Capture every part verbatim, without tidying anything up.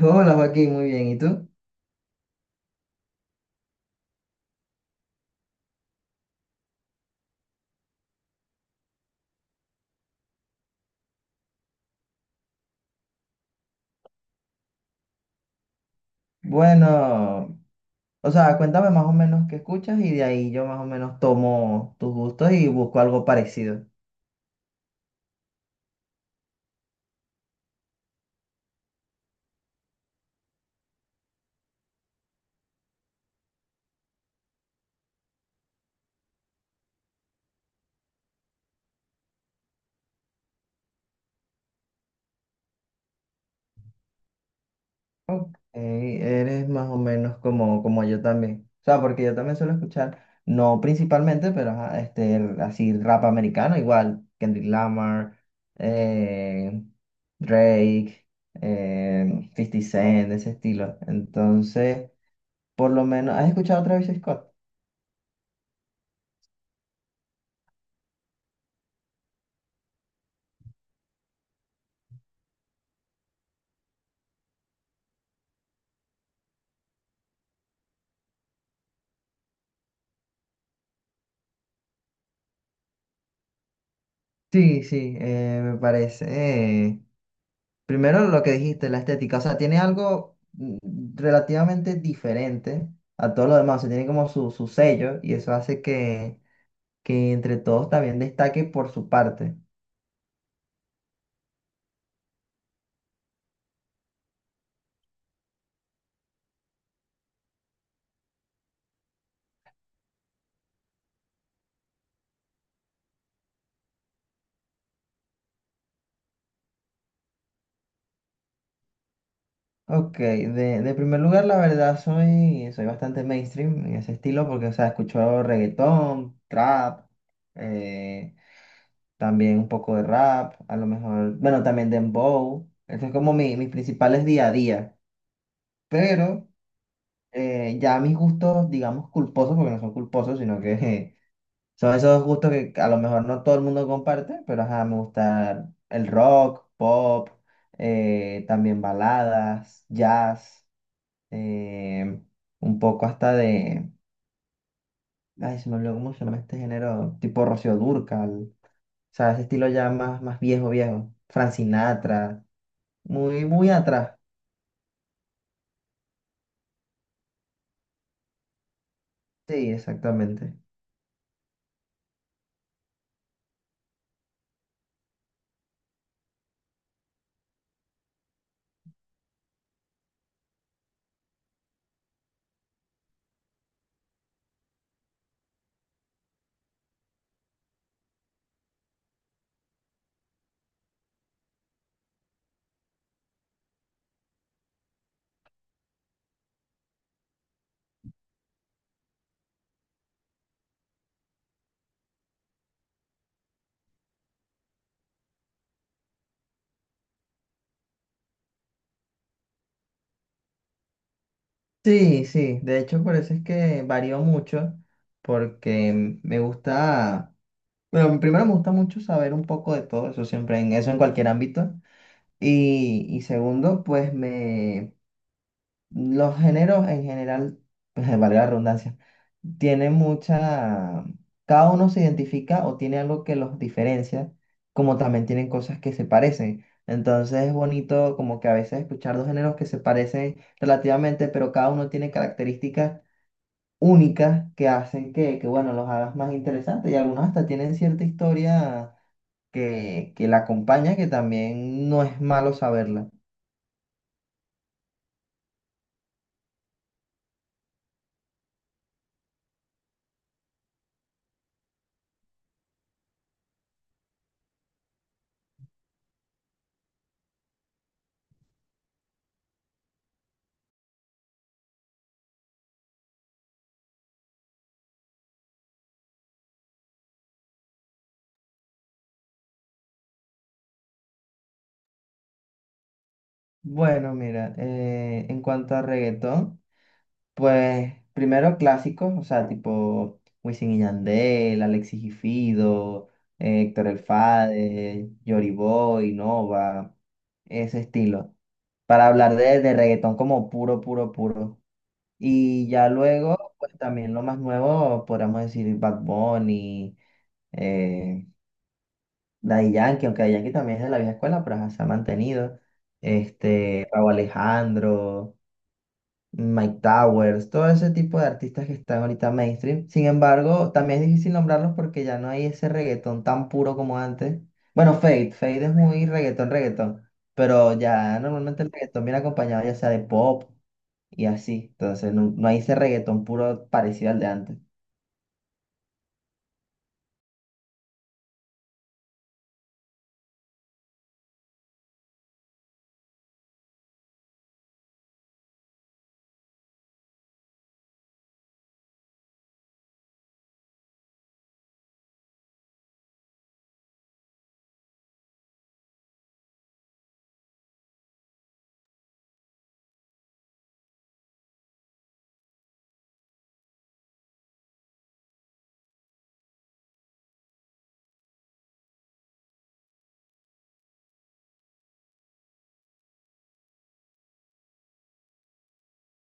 Hola Joaquín, muy bien. ¿Y tú? Bueno, o sea, cuéntame más o menos qué escuchas y de ahí yo más o menos tomo tus gustos y busco algo parecido. Ok, eres más o menos como, como yo también. O sea, porque yo también suelo escuchar, no principalmente, pero ajá, este, el- así rap americano, igual, Kendrick Lamar, eh, Drake, eh, cincuenta Cent, de ese estilo. Entonces, por lo menos, ¿has escuchado a Travis Scott? Sí, sí, eh, me parece. Eh, primero lo que dijiste, la estética, o sea, tiene algo mm, relativamente diferente a todo lo demás, o sea, tiene como su, su sello y eso hace que, que entre todos también destaque por su parte. Ok, de, de primer lugar, la verdad, soy, soy bastante mainstream en ese estilo porque, o sea, escucho reggaetón, trap, eh, también un poco de rap, a lo mejor, bueno, también dembow. Eso es como mi, mis principales día a día. Pero eh, ya mis gustos, digamos, culposos, porque no son culposos, sino que eh, son esos gustos que a lo mejor no todo el mundo comparte, pero ajá, me gusta el rock, pop, eh, también baladas, jazz, eh, un poco hasta de, ay, se me olvidó cómo se llama este género, tipo Rocío Dúrcal, o sea, ese estilo ya más, más viejo, viejo, Frank Sinatra, muy, muy atrás, sí, exactamente. Sí, sí, de hecho por eso es que varío mucho, porque me gusta, bueno, primero me gusta mucho saber un poco de todo eso, siempre en eso, en cualquier ámbito, y, y segundo, pues me, los géneros en general, valga la redundancia, tienen mucha, cada uno se identifica o tiene algo que los diferencia, como también tienen cosas que se parecen, entonces es bonito como que a veces escuchar dos géneros que se parecen relativamente, pero cada uno tiene características únicas que hacen que, que, bueno, los hagas más interesantes y algunos hasta tienen cierta historia que, que la acompaña, que también no es malo saberla. Bueno, mira, eh, en cuanto a reggaetón, pues primero clásicos, o sea, tipo Wisin y Yandel, Alexis y Fido, eh, Héctor El Fade, Yoriboy, Nova, ese estilo. Para hablar de, de reggaetón como puro, puro, puro. Y ya luego, pues también lo más nuevo, podríamos decir Bad Bunny, eh, Daddy Yankee, aunque Daddy Yankee también es de la vieja escuela, pero ajá, se ha mantenido. Este, Rauw Alejandro, Mike Towers, todo ese tipo de artistas que están ahorita mainstream. Sin embargo, también es difícil nombrarlos porque ya no hay ese reggaetón tan puro como antes. Bueno, Fade, Fade es muy reggaetón, reggaetón, pero ya normalmente el reggaetón viene acompañado ya sea de pop y así. Entonces no, no hay ese reggaetón puro parecido al de antes.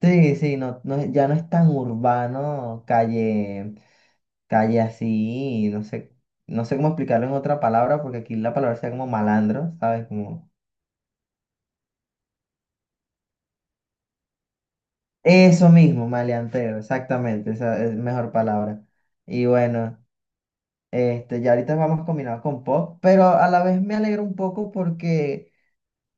Sí, sí, no, no, es- ya no es tan urbano, calle, calle así, no sé, no sé cómo explicarlo en otra palabra, porque aquí la palabra sea como malandro, ¿sabes? Como eso mismo, maleanteo, exactamente, esa es mejor palabra. Y bueno, este, ya ahorita vamos combinados con pop, pero a la vez me alegro un poco porque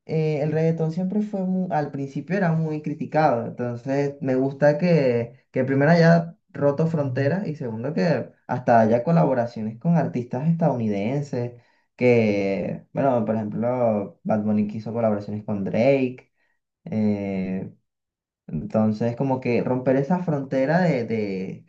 eh, el reggaetón siempre fue mu- al principio era muy criticado, entonces me gusta que, que primero haya roto fronteras y segundo que hasta haya colaboraciones con artistas estadounidenses, que, bueno, por ejemplo, Bad Bunny hizo colaboraciones con Drake, eh, entonces como que romper esa frontera de, de,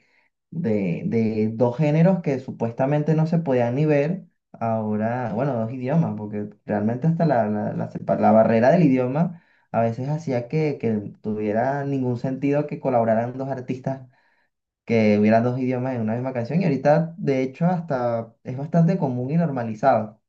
de, de dos géneros que supuestamente no se podían ni ver, ahora, bueno, dos idiomas, porque realmente hasta la, la, la sepa- la barrera del idioma a veces hacía que, que tuviera ningún sentido que colaboraran dos artistas que hubieran dos idiomas en una misma canción y ahorita de hecho hasta es bastante común y normalizado.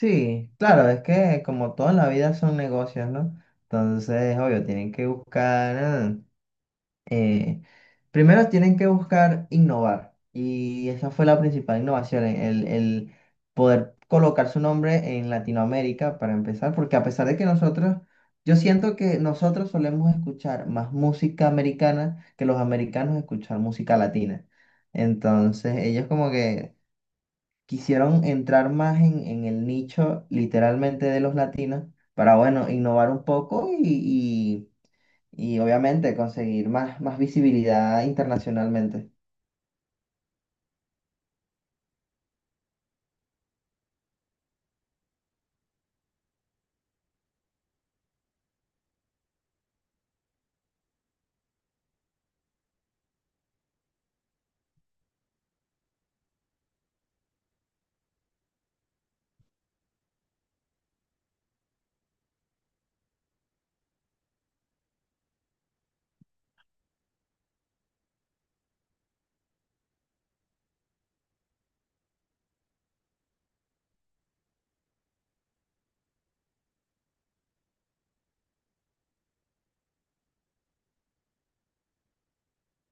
Sí, claro, es que como toda la vida son negocios, ¿no? Entonces, obvio, tienen que buscar... ah, eh, primero tienen que buscar innovar y esa fue la principal innovación, e, el, el poder colocar su nombre en Latinoamérica para empezar, porque a pesar de que nosotros, yo siento que nosotros solemos escuchar más música americana que los americanos escuchar música latina. Entonces ellos como que quisieron entrar más en, en el nicho literalmente de los latinos para, bueno, innovar un poco y y obviamente conseguir más, más visibilidad internacionalmente.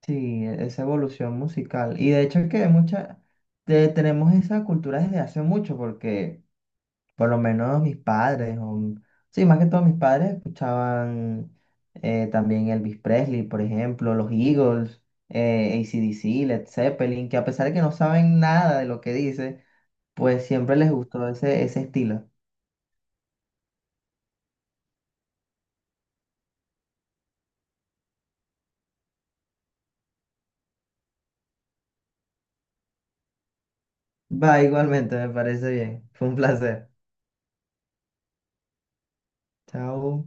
Sí, e- esa evolución musical. Y de hecho es que mucha, te- tenemos esa cultura desde hace mucho, porque por lo menos mis padres, o, sí, más que todo mis padres escuchaban eh, también Elvis Presley, por ejemplo, los Eagles, eh, A C/D C, Led Zeppelin, que a pesar de que no saben nada de lo que dice, pues siempre les gustó ese, ese estilo. Va, igualmente, me parece bien. Fue un placer. Chao.